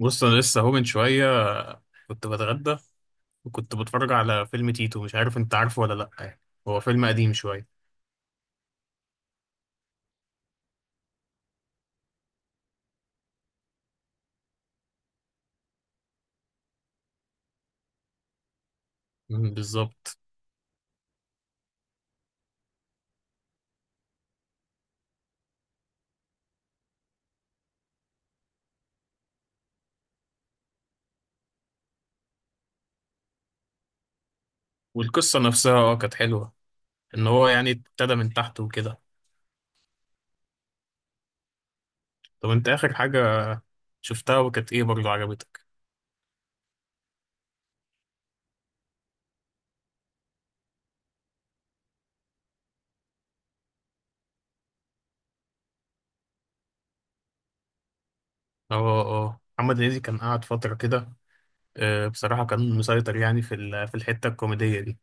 بص، انا لسه اهو من شويه كنت بتغدى وكنت بتفرج على فيلم تيتو. مش عارف انت عارفه ولا لا، يعني هو فيلم قديم شويه. مم، بالظبط. والقصه نفسها كانت حلوه، ان هو يعني ابتدى من تحت وكده. طب انت اخر حاجه شفتها وكانت ايه برضه عجبتك؟ اه اه، محمد هنيدي كان قاعد فتره كده. بصراحه كان مسيطر يعني في الحته الكوميديه دي.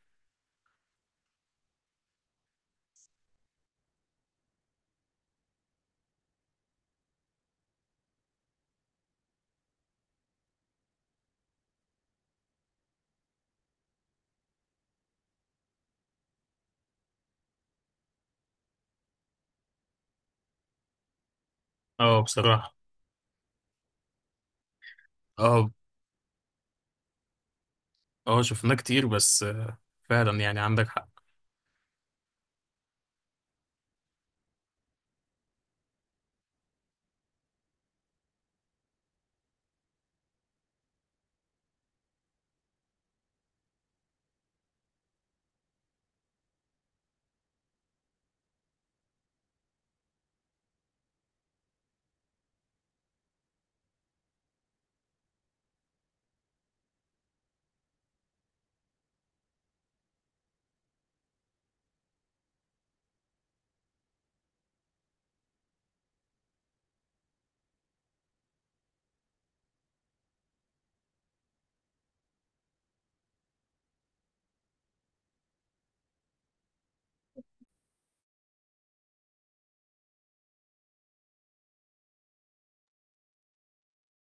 اه بصراحه، اه اه شفناه كتير، بس فعلا يعني عندك حق.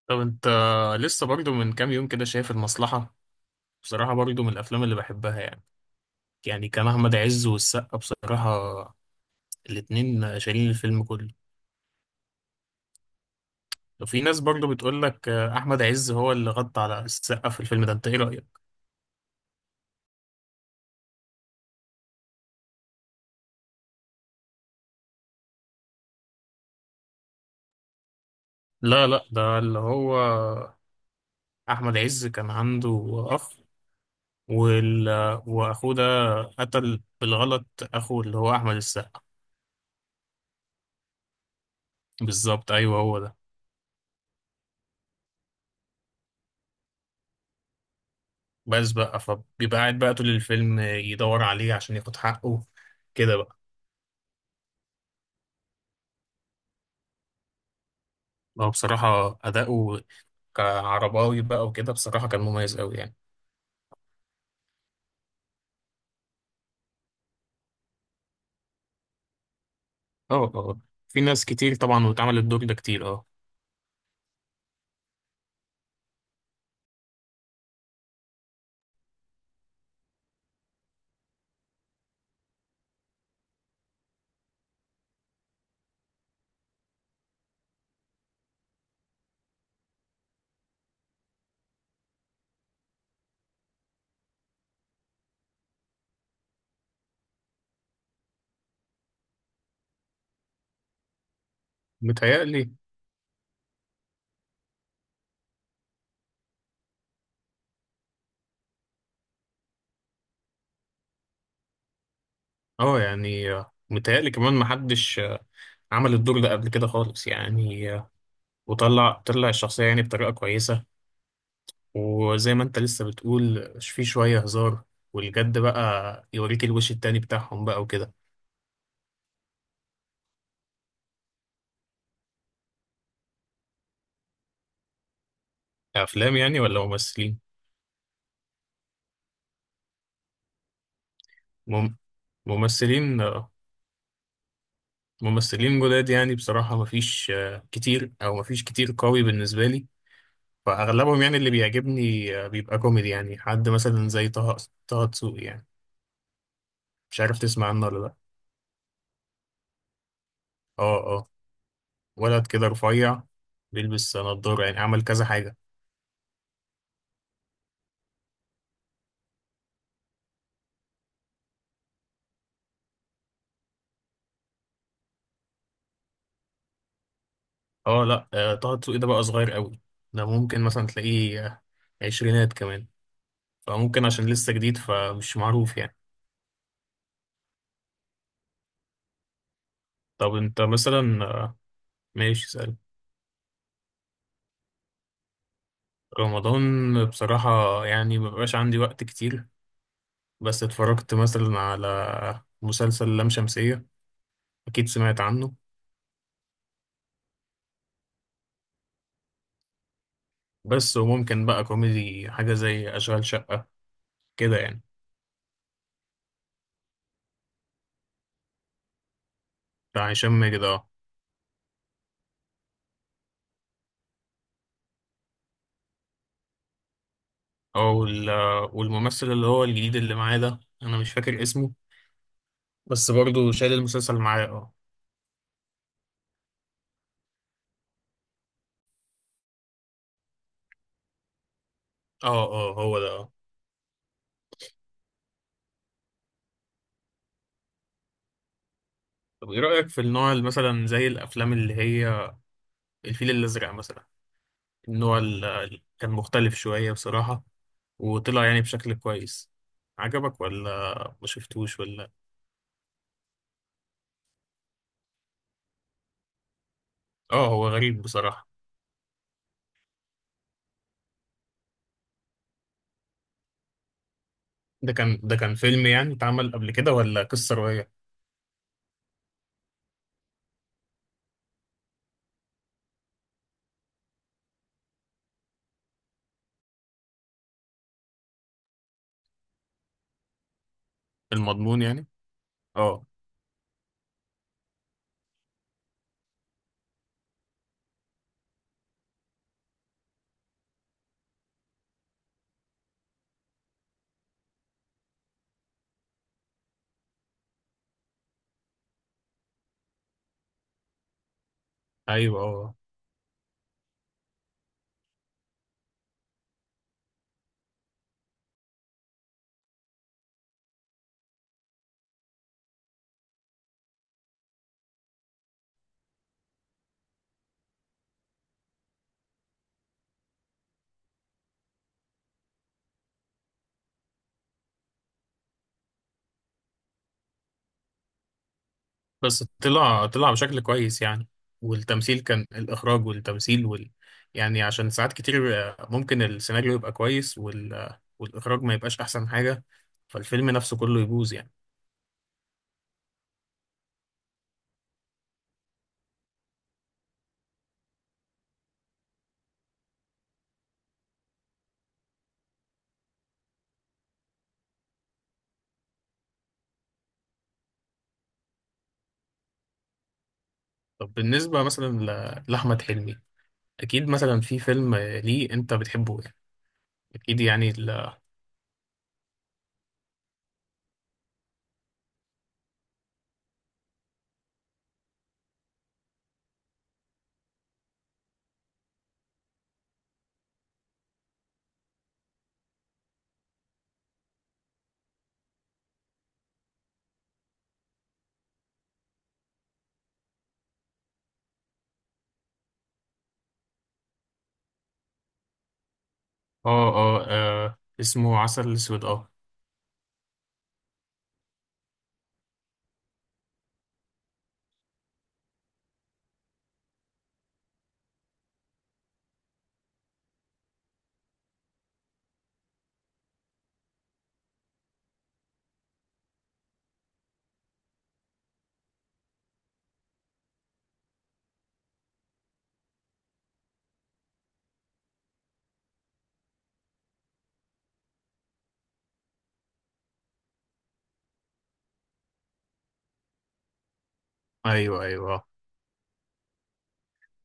طب انت لسه برضو من كام يوم كده شايف المصلحة؟ بصراحة برضو من الأفلام اللي بحبها، يعني يعني كان أحمد عز والسقا بصراحة الاتنين شايلين الفيلم كله. وفي ناس برضو بتقول لك أحمد عز هو اللي غطى على السقا في الفيلم ده، انت ايه رأيك؟ لا لا، ده اللي هو أحمد عز كان عنده أخ، وال... وأخوه ده قتل بالغلط، أخوه اللي هو أحمد السقا. بالظبط، أيوه هو ده. بس بقى فبيبقى قاعد بقى طول الفيلم يدور عليه عشان ياخد حقه كده بقى. هو بصراحة أداؤه كعرباوي بقى وكده بصراحة كان مميز أوي يعني. اه اه اه. في ناس كتير طبعا واتعمل الدور ده كتير، اه متهيألي. اه يعني متهيألي كمان محدش عمل الدور ده قبل كده خالص، يعني وطلع الشخصية يعني بطريقة كويسة. وزي ما انت لسه بتقول في شوية هزار، والجد بقى يوريك الوش التاني بتاعهم بقى وكده. أفلام يعني ولا ممثلين؟ مم- ممثلين. ممثلين جداد يعني، بصراحة مفيش كتير، أو مفيش كتير قوي بالنسبة لي. فأغلبهم يعني اللي بيعجبني بيبقى كوميدي، يعني حد مثلا زي طه دسوقي يعني. مش عارف تسمع عنه ولا لأ. اه اه، ولد كده رفيع، بيلبس نضارة، يعني عمل كذا حاجة. اه لأ، طه دسوقي ده بقى صغير قوي. ده ممكن مثلا تلاقيه عشرينات كمان. فممكن عشان لسه جديد فمش معروف يعني. طب انت مثلا، ماشي. رمضان بصراحة يعني مبقاش عندي وقت كتير. بس اتفرجت مثلا على مسلسل لام شمسية، أكيد سمعت عنه. بس وممكن بقى كوميدي حاجة زي أشغال شقة كده يعني، بتاع هشام ماجد. اه، أو والممثل اللي هو الجديد اللي معاه ده أنا مش فاكر اسمه، بس برضه شايل المسلسل معاه. اه اه، اه هو ده اه. طب ايه رأيك في النوع اللي مثلا زي الأفلام اللي هي الفيل الأزرق مثلا؟ النوع اللي كان مختلف شوية بصراحة، وطلع يعني بشكل كويس. عجبك ولا ما شفتوش ولا؟ اه، هو غريب بصراحة. ده كان فيلم يعني اتعمل قبل كده، ولا قصة رواية؟ المضمون يعني. اه، ايوه اه. بس طلع بشكل كويس يعني، والتمثيل كان، الاخراج والتمثيل يعني عشان ساعات كتير ممكن السيناريو يبقى كويس والاخراج ما يبقاش احسن حاجة، فالفيلم نفسه كله يبوظ يعني. طب بالنسبة مثلا لأحمد حلمي، أكيد مثلا في فيلم ليه أنت بتحبه. اكيد يعني اه اه. اسمه عسل اسود اه. ايوه ايوه.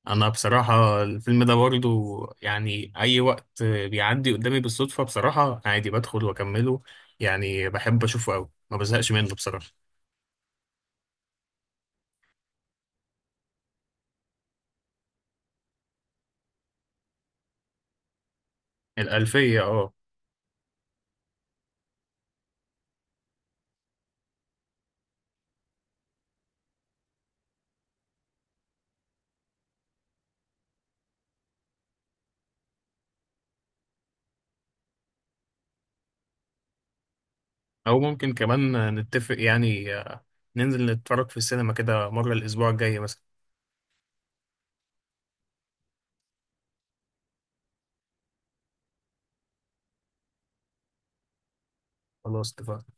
انا بصراحه الفيلم ده برضو يعني اي وقت بيعدي قدامي بالصدفه بصراحه عادي بدخل واكمله، يعني بحب اشوفه قوي ما بزهقش منه بصراحه. الالفيه اه. او ممكن كمان نتفق يعني ننزل نتفرج في السينما كده مره الاسبوع الجاي مثلا. خلاص اتفقنا.